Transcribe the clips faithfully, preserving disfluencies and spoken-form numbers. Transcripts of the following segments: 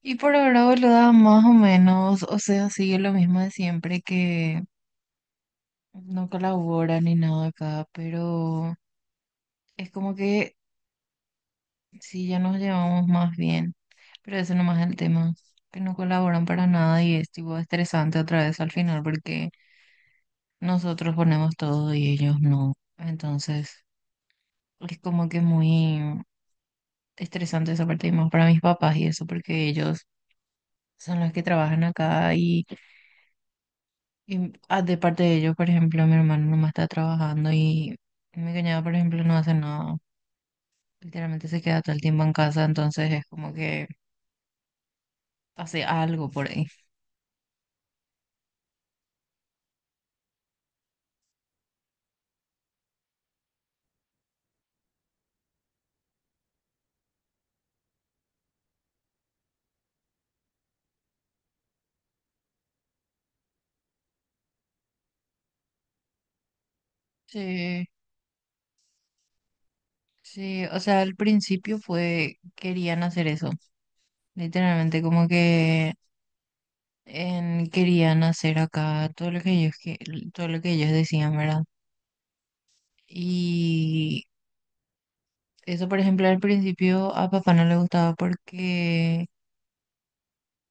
Y por ahora, boluda, más o menos, o sea, sigue lo mismo de siempre que no colabora ni nada acá, pero es como que sí, ya nos llevamos más bien, pero eso nomás es el tema, que no colaboran para nada y es tipo estresante otra vez al final porque nosotros ponemos todo y ellos no, entonces es como que muy estresante esa parte y más para mis papás y eso porque ellos son los que trabajan acá y Y ah, de parte de ellos, por ejemplo, mi hermano nomás está trabajando y mi cuñado, por ejemplo, no hace nada. Literalmente se queda todo el tiempo en casa, entonces es como que hace algo por ahí. Sí, sí, o sea, al principio fue, querían hacer eso. Literalmente como que en- querían hacer acá todo lo que ellos, que- todo lo que ellos decían, ¿verdad? Y eso, por ejemplo, al principio a papá no le gustaba porque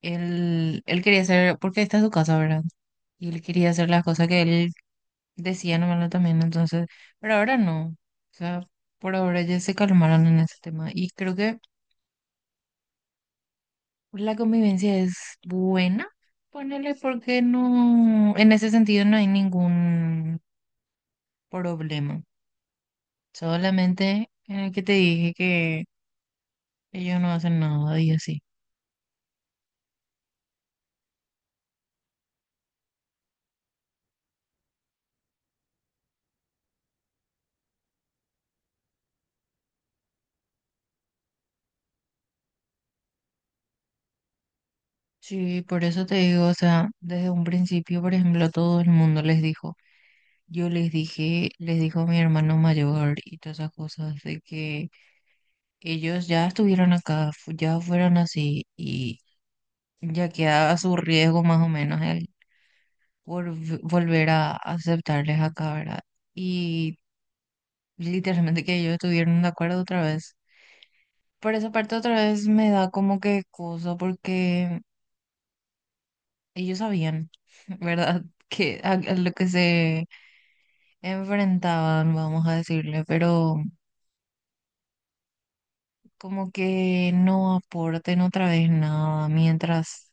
él, él quería hacer, porque esta es su casa, ¿verdad? Y él quería hacer las cosas que él decía nomás también, entonces, pero ahora no. O sea, por ahora ya se calmaron en ese tema. Y creo que la convivencia es buena, ponele porque no, en ese sentido no hay ningún problema. Solamente en el que te dije que ellos no hacen nada y así. Sí, por eso te digo, o sea, desde un principio, por ejemplo, todo el mundo les dijo, yo les dije, les dijo mi hermano mayor y todas esas cosas de que ellos ya estuvieron acá, fu- ya fueron así y ya queda a su riesgo más o menos el volv- volver a aceptarles acá, ¿verdad? Y literalmente que ellos estuvieron de acuerdo otra vez. Por esa parte otra vez me da como que cosa porque ellos sabían, ¿verdad? Que a, a lo que se enfrentaban, vamos a decirle, pero como que no aporten otra vez nada mientras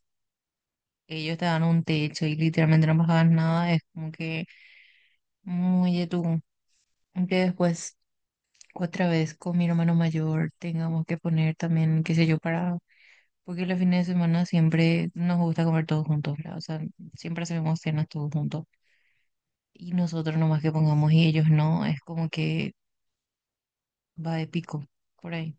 ellos te dan un techo y literalmente no pagas nada, es como que muy de tú. Que después, otra vez con mi hermano mayor, tengamos que poner también, qué sé yo, para. Porque los fines de semana siempre nos gusta comer todos juntos, ¿verdad? O sea, siempre hacemos cenas todos juntos. Y nosotros nomás que pongamos y ellos no, es como que va de pico por ahí.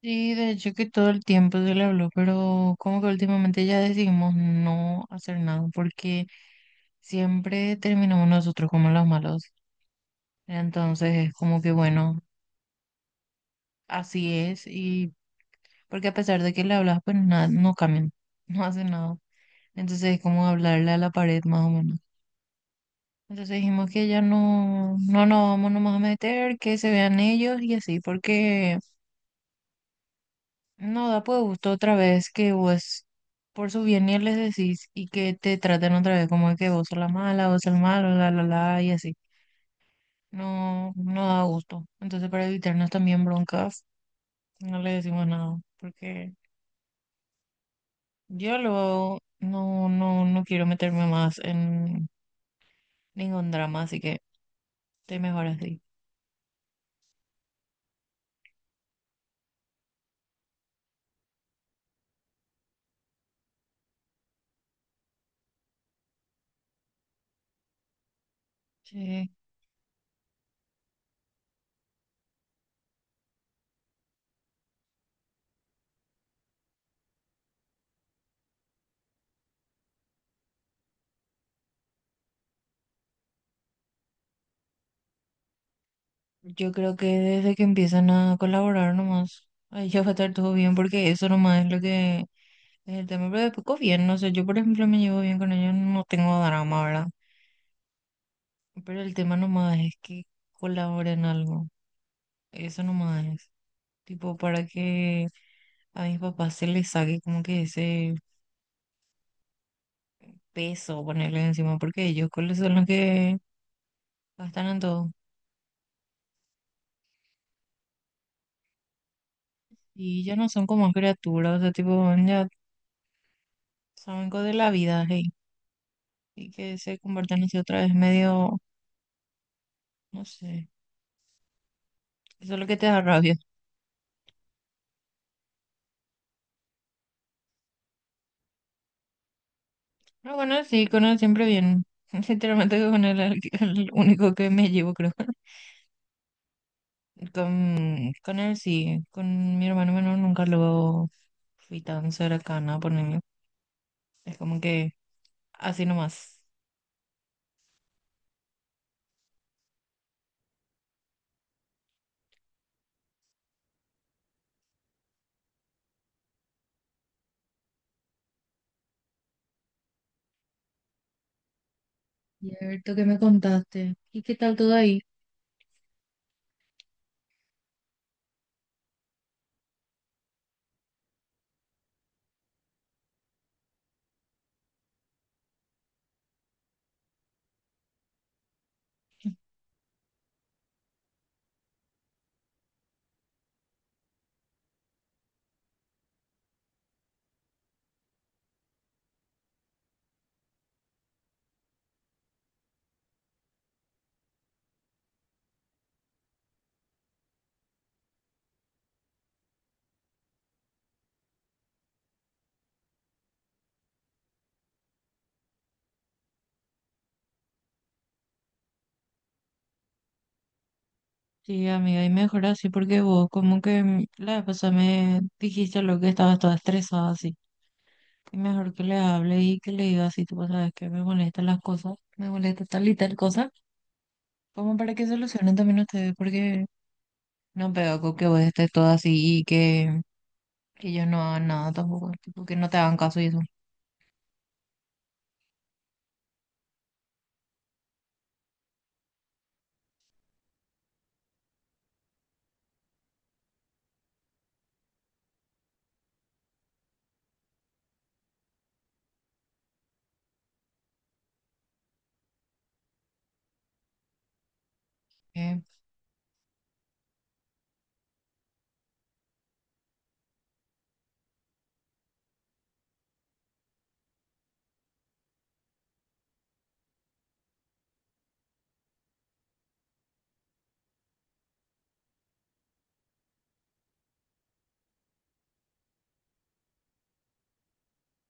Sí, de hecho que todo el tiempo se le habló, pero como que últimamente ya decidimos no hacer nada porque siempre terminamos nosotros como los malos. Entonces es como que bueno, así es y porque a pesar de que le hablas, pues nada, no cambian, no hacen nada. Entonces es como hablarle a la pared más o menos. Entonces dijimos que ya no, no nos vamos nomás a meter, que se vean ellos y así, porque no da pues gusto otra vez que vos por su bien ni les decís y que te traten otra vez como de que vos sos la mala, vos sos el malo, la la la y así. No, no da gusto. Entonces para evitarnos también broncas, no le decimos nada, porque yo luego no, no, no quiero meterme más en ningún drama, así que estoy mejor así. Sí, yo creo que desde que empiezan a colaborar nomás, ahí ya va a estar todo bien porque eso nomás es lo que pues, el tema pero después con bien, no sé, yo por ejemplo me llevo bien con ellos, no tengo drama, ¿verdad? Pero el tema nomás es que colaboren en algo, eso nomás es, tipo para que a mis papás se les saque como que ese peso ponerle encima, porque ellos cuáles son los que gastan en todo. Y ya no son como criaturas, o sea, tipo, ya saben cosas de la vida, hey, y que se conviertan así otra vez medio, no sé, eso es lo que te da rabia. No bueno, sí, con él siempre bien. Sinceramente, con él es el, el único que me llevo, creo. Con, con él sí, con mi hermano menor nunca lo fui tan cercana, ponerle. Es como que así nomás. Cierto que me contaste. ¿Y qué tal todo ahí? Sí, amiga, y mejor así porque vos como que mm, la vez pasada me dijiste lo que estabas toda estresada así. Y mejor que le hable y que le diga así, tú sabes que me molestan las cosas, me molesta tal y tal cosa, como para que solucionen también ustedes, porque no pega con que vos estés todo así y que ellos no hagan nada tampoco, tipo que no te hagan caso y eso. Eh,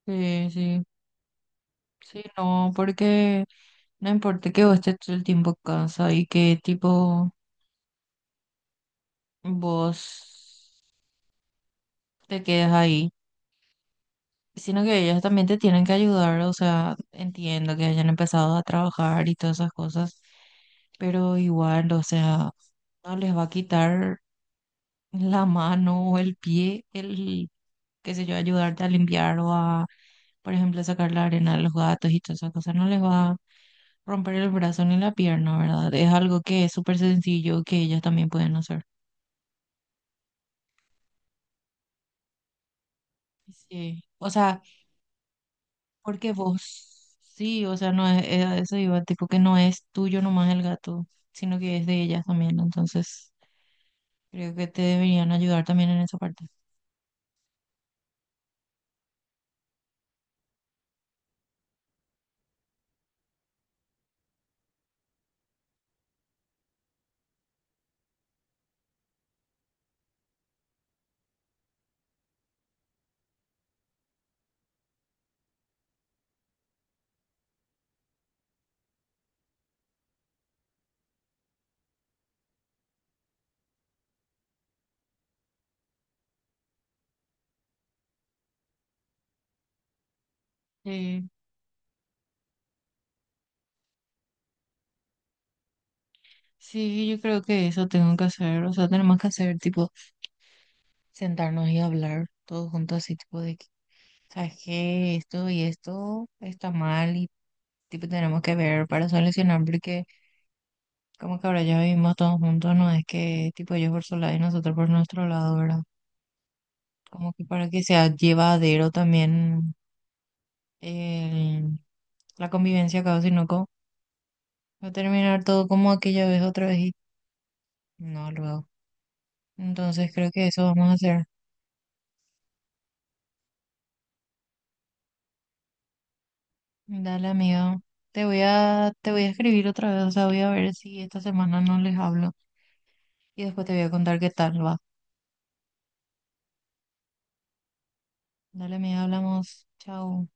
Sí, sí, sí, no, porque no importa que vos estés todo el tiempo en casa y que tipo vos te quedes ahí, sino que ellos también te tienen que ayudar, o sea, entiendo que hayan empezado a trabajar y todas esas cosas, pero igual, o sea, no les va a quitar la mano o el pie, el, qué sé yo, ayudarte a limpiar o a por ejemplo, sacar la arena a los gatos y todas esas cosas no les va a romper el brazo ni la pierna, ¿verdad? Es algo que es súper sencillo que ellos también pueden hacer. Sí, o sea, porque vos, sí, o sea, no es, es a eso iba, tipo que no es tuyo nomás el gato, sino que es de ellas también, entonces creo que te deberían ayudar también en esa parte. Sí, sí, yo creo que eso tengo que hacer, o sea, tenemos que hacer, tipo, sentarnos y hablar todos juntos, así, tipo, de que, ¿sabes qué? Esto y esto está mal, tipo tenemos que ver para solucionar, porque como que ahora ya vivimos todos juntos, no es que tipo ellos por su lado y nosotros por nuestro lado, ¿verdad? Como que para que sea llevadero también el- la convivencia acá, sino como va a terminar todo como aquella vez otra vez y no luego. Entonces creo que eso vamos a hacer. Dale, amiga. Te voy a, te voy a escribir otra vez, o sea, voy a ver si esta semana no les hablo y después te voy a contar qué tal va. Dale, amiga, hablamos. Chao.